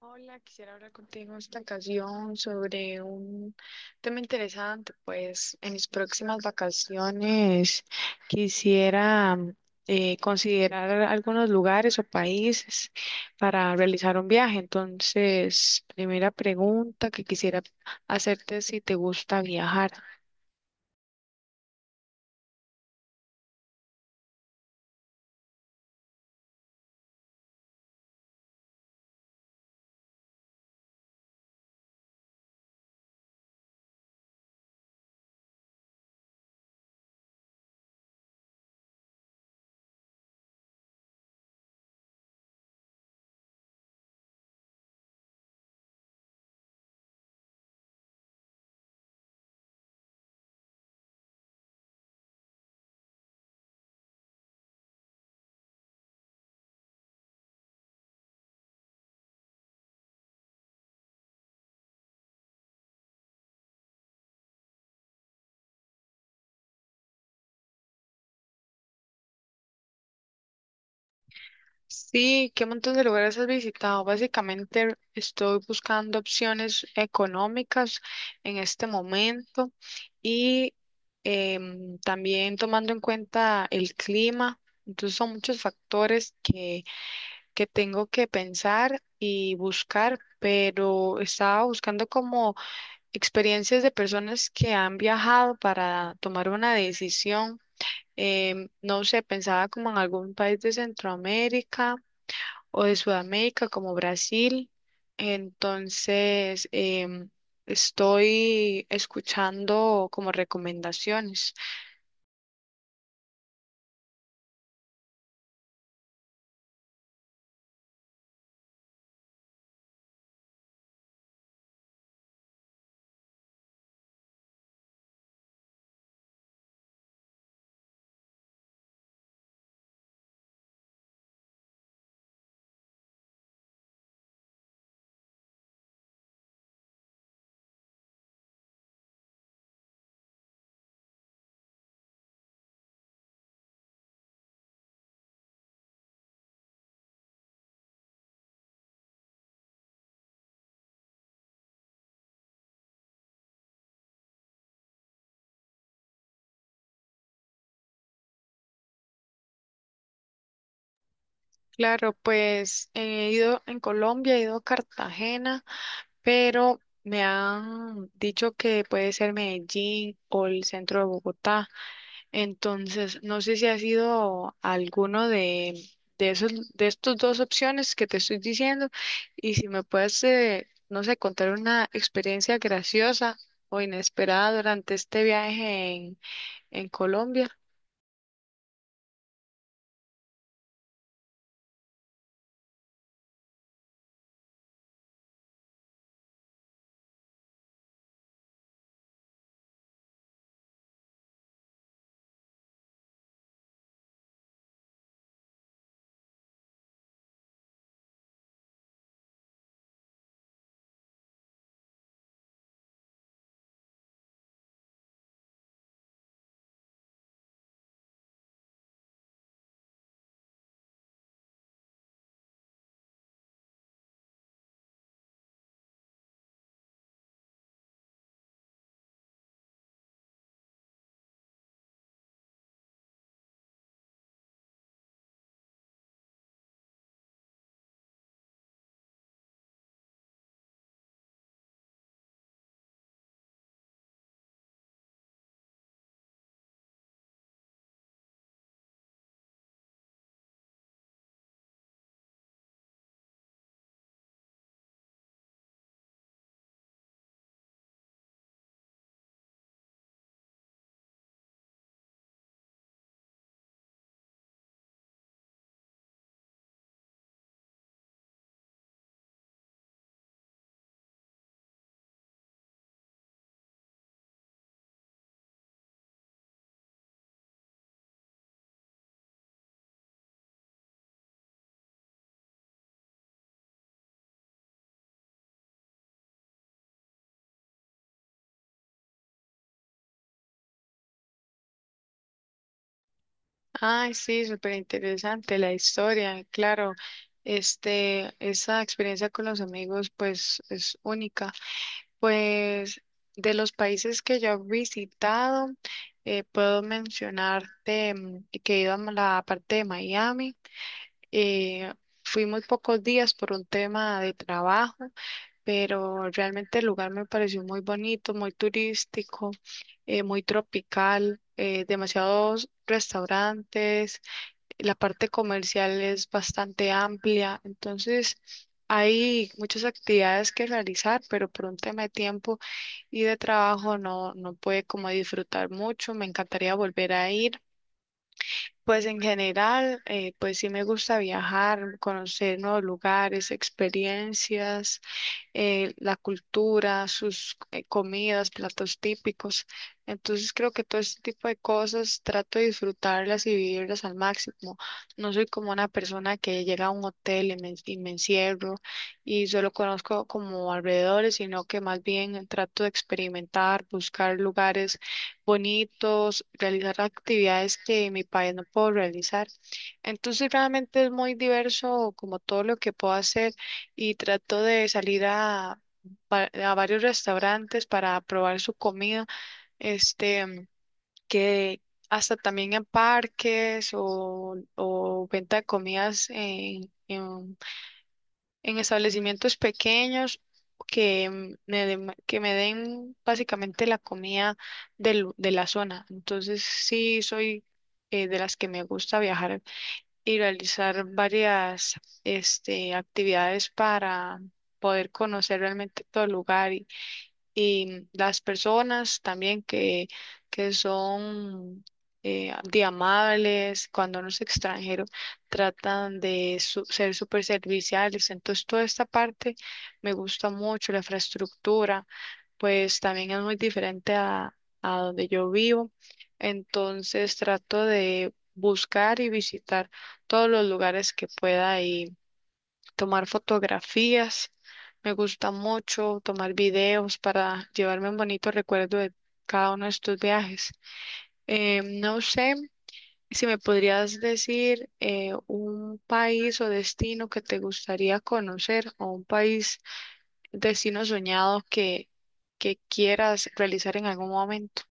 Hola, quisiera hablar contigo en esta ocasión sobre un tema interesante. Pues en mis próximas vacaciones quisiera considerar algunos lugares o países para realizar un viaje. Entonces, primera pregunta que quisiera hacerte es si te gusta viajar. Sí, ¿qué montón de lugares has visitado? Básicamente estoy buscando opciones económicas en este momento y también tomando en cuenta el clima. Entonces son muchos factores que tengo que pensar y buscar, pero estaba buscando como experiencias de personas que han viajado para tomar una decisión. No sé, pensaba como en algún país de Centroamérica o de Sudamérica como Brasil. Entonces, estoy escuchando como recomendaciones. Claro, pues he ido en Colombia, he ido a Cartagena, pero me han dicho que puede ser Medellín o el centro de Bogotá. Entonces, no sé si ha sido alguno de esos, de estos dos opciones que te estoy diciendo y si me puedes, no sé, contar una experiencia graciosa o inesperada durante este viaje en Colombia. Ay, sí, súper interesante la historia, claro. Este, esa experiencia con los amigos, pues, es única. Pues de los países que yo he visitado, puedo mencionarte que he ido a la parte de Miami. eh, Fui muy pocos días por un tema de trabajo, pero realmente el lugar me pareció muy bonito, muy turístico, muy tropical, demasiados restaurantes, la parte comercial es bastante amplia, entonces hay muchas actividades que realizar, pero por un tema de tiempo y de trabajo no pude como disfrutar mucho. Me encantaría volver a ir, pues en general, pues sí me gusta viajar, conocer nuevos lugares, experiencias, la cultura, sus comidas, platos típicos. Entonces creo que todo este tipo de cosas trato de disfrutarlas y vivirlas al máximo. No soy como una persona que llega a un hotel y me encierro y solo conozco como alrededores, sino que más bien trato de experimentar, buscar lugares bonitos, realizar actividades que en mi país no puedo realizar. Entonces realmente es muy diverso como todo lo que puedo hacer y trato de salir a varios restaurantes para probar su comida, este, que hasta también en parques o venta de comidas en establecimientos pequeños que que me den básicamente la comida de la zona. Entonces sí soy de las que me gusta viajar y realizar varias este, actividades para poder conocer realmente todo el lugar y las personas también que son de amables, cuando uno es extranjero, tratan de ser súper serviciales. Entonces, toda esta parte me gusta mucho, la infraestructura, pues también es muy diferente a donde yo vivo. Entonces, trato de buscar y visitar todos los lugares que pueda tomar fotografías. Me gusta mucho tomar videos para llevarme un bonito recuerdo de cada uno de estos viajes. No sé si me podrías decir un país o destino que te gustaría conocer o un país, destino soñado que quieras realizar en algún momento.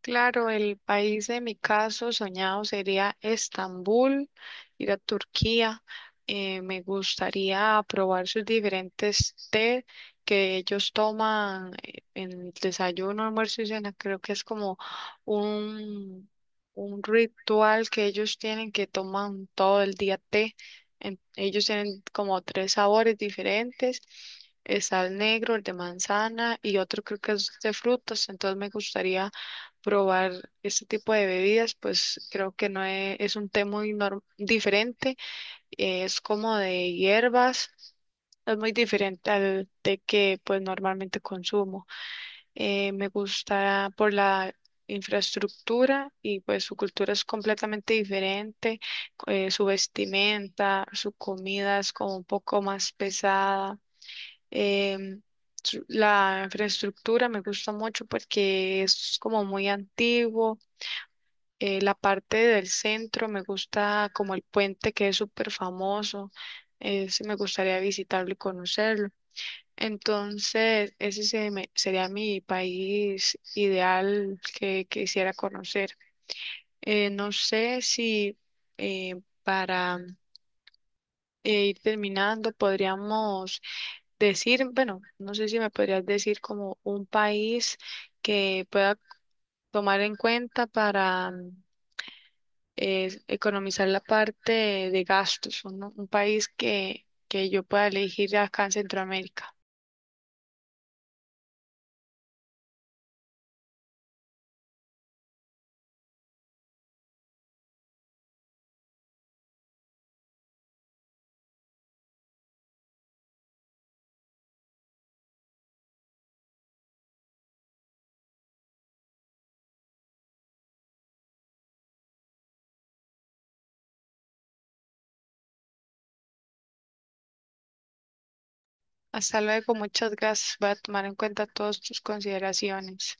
Claro, el país de mi caso soñado sería Estambul, ir a Turquía. Me gustaría probar sus diferentes té que ellos toman en el desayuno, almuerzo y cena. Creo que es como un, un ritual que ellos tienen que toman todo el día té. En- ellos tienen como tres sabores diferentes. Está el negro, el de manzana y otro creo que es de frutas. Entonces me gustaría probar este tipo de bebidas, pues creo que no es, es un té muy diferente, es como de hierbas, es muy diferente al té que pues normalmente consumo. Me gusta por la infraestructura y pues su cultura es completamente diferente, su vestimenta, su comida es como un poco más pesada. em, La infraestructura me gusta mucho porque es como muy antiguo, la parte del centro me gusta como el puente que es súper famoso. Ese me gustaría visitarlo y conocerlo. Entonces, ese sería mi país ideal que quisiera conocer. No sé si para ir terminando podríamos decir, bueno, no sé si me podrías decir como un país que pueda tomar en cuenta para es economizar la parte de gastos, un país que yo pueda elegir acá en Centroamérica. Hasta luego, muchas gracias. Voy a tomar en cuenta todas tus consideraciones.